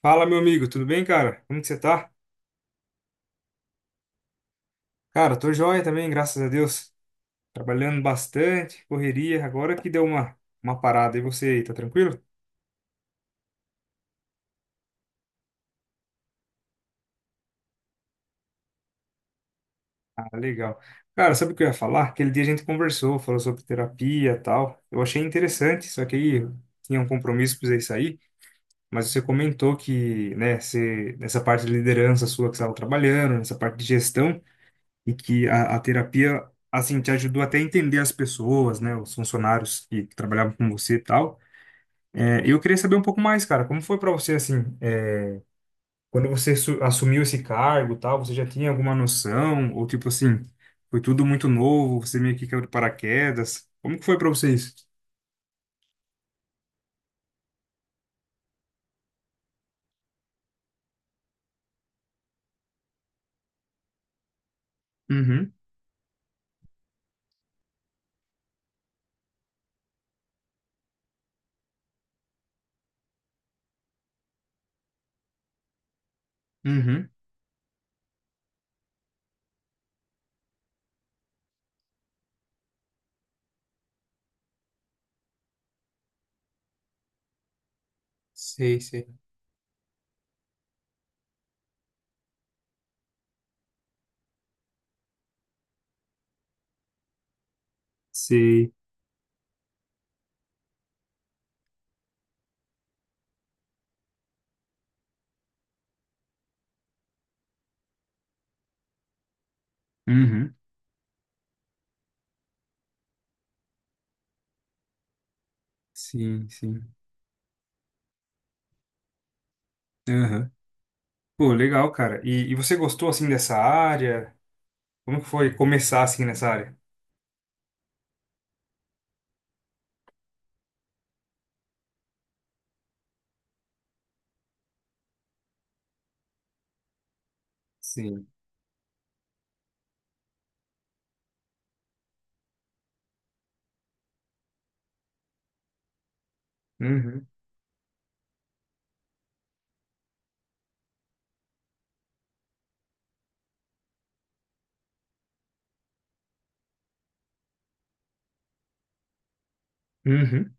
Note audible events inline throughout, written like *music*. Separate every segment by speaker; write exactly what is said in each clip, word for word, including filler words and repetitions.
Speaker 1: Fala, meu amigo, tudo bem, cara? Como que você tá? Cara, tô joia também, graças a Deus. Trabalhando bastante, correria. Agora que deu uma, uma parada. E você aí, tá tranquilo? Ah, legal. Cara, sabe o que eu ia falar? Aquele dia a gente conversou, falou sobre terapia e tal. Eu achei interessante, só que aí eu tinha um compromisso, precisei sair. Mas você comentou que, né, você, nessa parte de liderança sua que você estava trabalhando, nessa parte de gestão, e que a, a terapia, assim, te ajudou até a entender as pessoas, né, os funcionários que trabalhavam com você e tal. É, eu queria saber um pouco mais, cara, como foi para você assim, é, quando você su- assumiu esse cargo, e tal, você já tinha alguma noção ou tipo assim, foi tudo muito novo, você meio que caiu de paraquedas. Como que foi para vocês? Uhum, uhum, sei, sei. Sei. Uhum, sim, sim. Uhum. Pô, legal, cara. E, e você gostou assim dessa área? Como que foi começar assim nessa área? Sim. Uhum, uhum,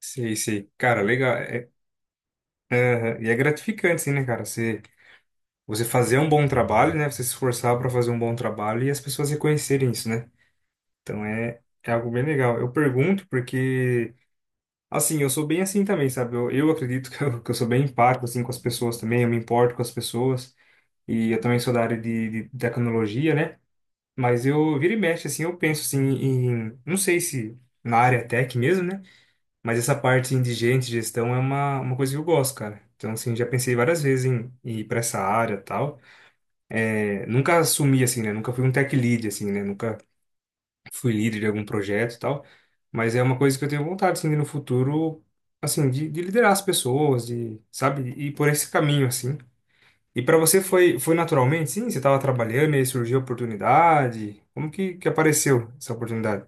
Speaker 1: sei, sei. Cara, legal. É- é- e é gratificante, sim né, cara? você você fazer um bom trabalho, né? Você se esforçar para fazer um bom trabalho e as pessoas reconhecerem isso, né? Então é, é algo bem legal. Eu pergunto porque, assim, eu sou bem assim também, sabe? Eu, eu acredito que eu, que eu sou bem empático, assim, com as pessoas também, eu me importo com as pessoas. E eu também sou da área de, de tecnologia, né? Mas eu vira e mexe, assim, eu penso, assim, em... Não sei se na área tech mesmo, né? Mas essa parte, assim, de gente, gestão, é uma, uma coisa que eu gosto, cara. Então, assim, já pensei várias vezes em ir para essa área e tal. É, nunca assumi assim, né? Nunca fui um tech lead assim, né? Nunca fui líder de algum projeto e tal. Mas é uma coisa que eu tenho vontade assim de no futuro, assim, de, de liderar as pessoas, de, sabe? E por esse caminho assim. E para você foi foi naturalmente, sim? Você estava trabalhando e aí surgiu a oportunidade. Como que que apareceu essa oportunidade?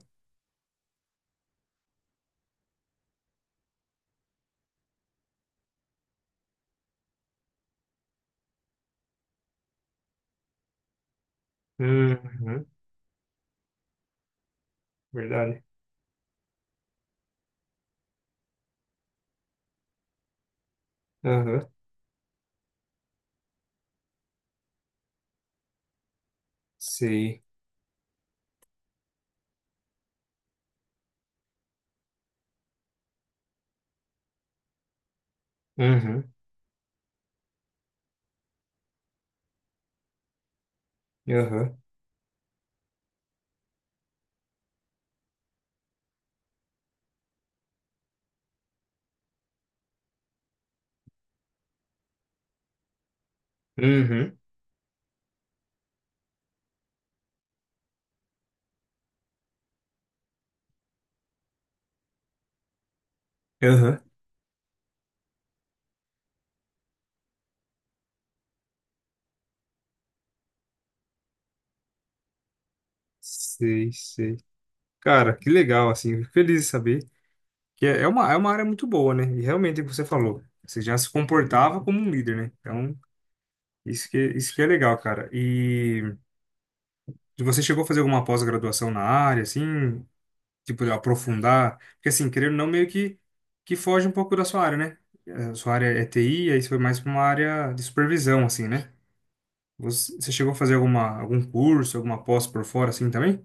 Speaker 1: Uhum, verdade. Aham. Sei. Uhum. Aham. Uhum. Aham. Sei, sei. Cara, que legal assim. Fico feliz de saber. Que é é uma, é uma área muito boa, né? E realmente, é o que você falou, você já se comportava como um líder, né? Então, isso que, isso que é legal, cara. E você chegou a fazer alguma pós-graduação na área, assim, tipo, de aprofundar? Porque, assim, querendo ou não, meio que, que foge um pouco da sua área, né? A sua área é T I, aí você foi mais para uma área de supervisão, assim, né? Você, você chegou a fazer alguma, algum curso, alguma pós por fora, assim, também?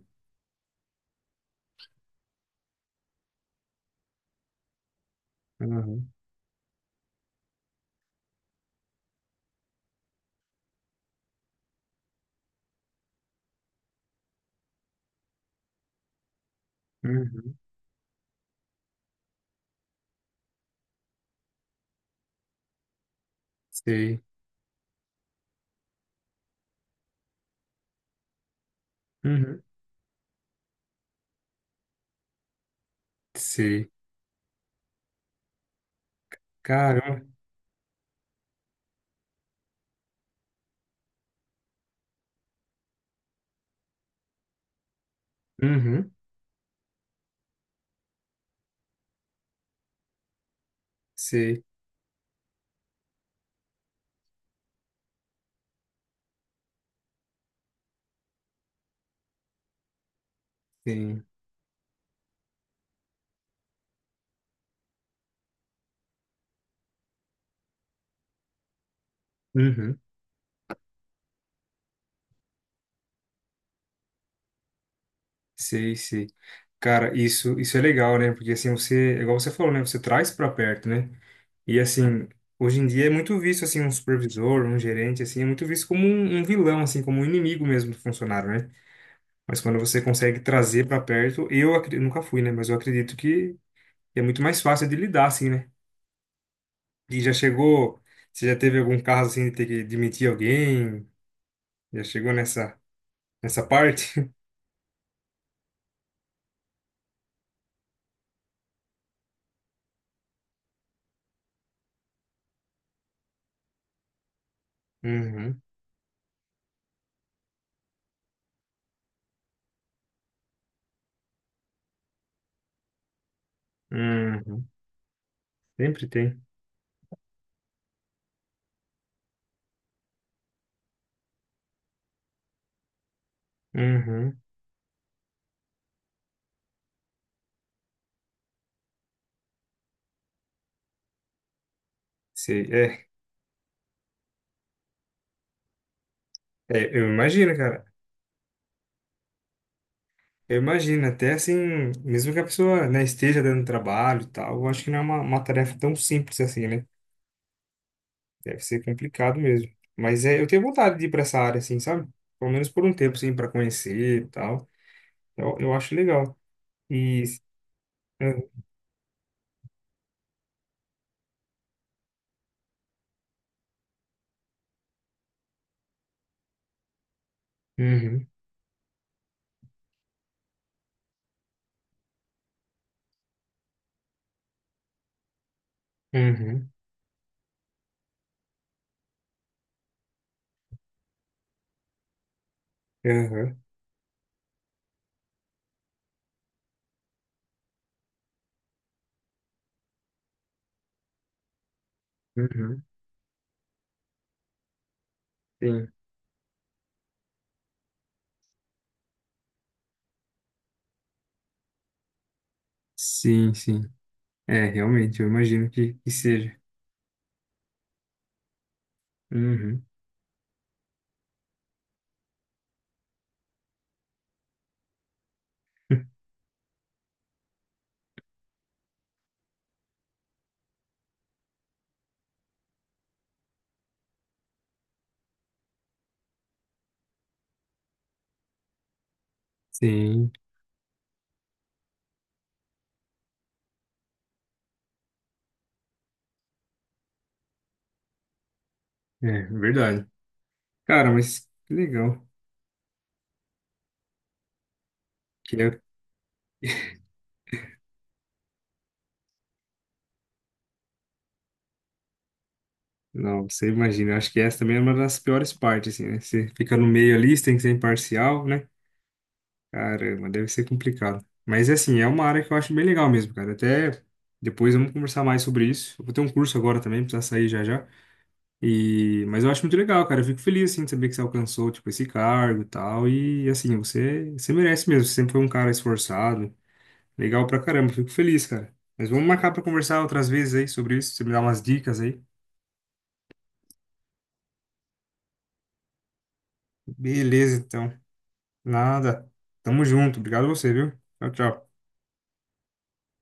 Speaker 1: Uhum, uhum, sei. Uhum, sei. Caramba. Uhum, sei. Sim. Uhum. Sei, sei. Cara, isso, isso é legal, né? Porque assim, você, é igual você falou, né? Você traz pra perto, né? E assim, hoje em dia é muito visto assim um supervisor, um gerente assim, é muito visto como um, um vilão assim, como um inimigo mesmo do funcionário, né? Mas quando você consegue trazer pra perto, eu, acre- eu nunca fui, né? Mas eu acredito que é muito mais fácil de lidar assim, né? E já chegou, você já teve algum caso assim de ter que demitir alguém? Já chegou nessa nessa parte? *laughs* Uhum. Uhum. Sempre tem. Uhum. Sei, é, é, eu imagino, cara. Eu imagino, até assim, mesmo que a pessoa, né, esteja dando trabalho e tal, eu acho que não é uma, uma tarefa tão simples assim, né? Deve ser complicado mesmo. Mas é, eu tenho vontade de ir pra essa área, assim, sabe? Pelo menos por um tempo, assim, pra conhecer e tal. Eu, eu acho legal. E. Uhum, uhum, uhum, uhum, sim. Sim, sim. É, realmente, eu imagino que, que seja. Uhum. *laughs* Sim, é verdade. Cara, mas que legal. Não, você imagina. Eu acho que essa também é uma das piores partes, assim, né? Você fica no meio ali, você tem que ser imparcial, né? Caramba, deve ser complicado. Mas, assim, é uma área que eu acho bem legal mesmo, cara. Até depois vamos conversar mais sobre isso. Eu vou ter um curso agora também, precisa sair já já. E... Mas eu acho muito legal, cara. Eu fico feliz, assim, de saber que você alcançou, tipo, esse cargo e tal. E, assim, você, você merece mesmo. Você sempre foi um cara esforçado. Legal pra caramba. Fico feliz, cara. Mas vamos marcar pra conversar outras vezes aí sobre isso. Você me dá umas dicas aí. Beleza, então. Nada. Tamo junto. Obrigado a você, viu? Tchau, tchau.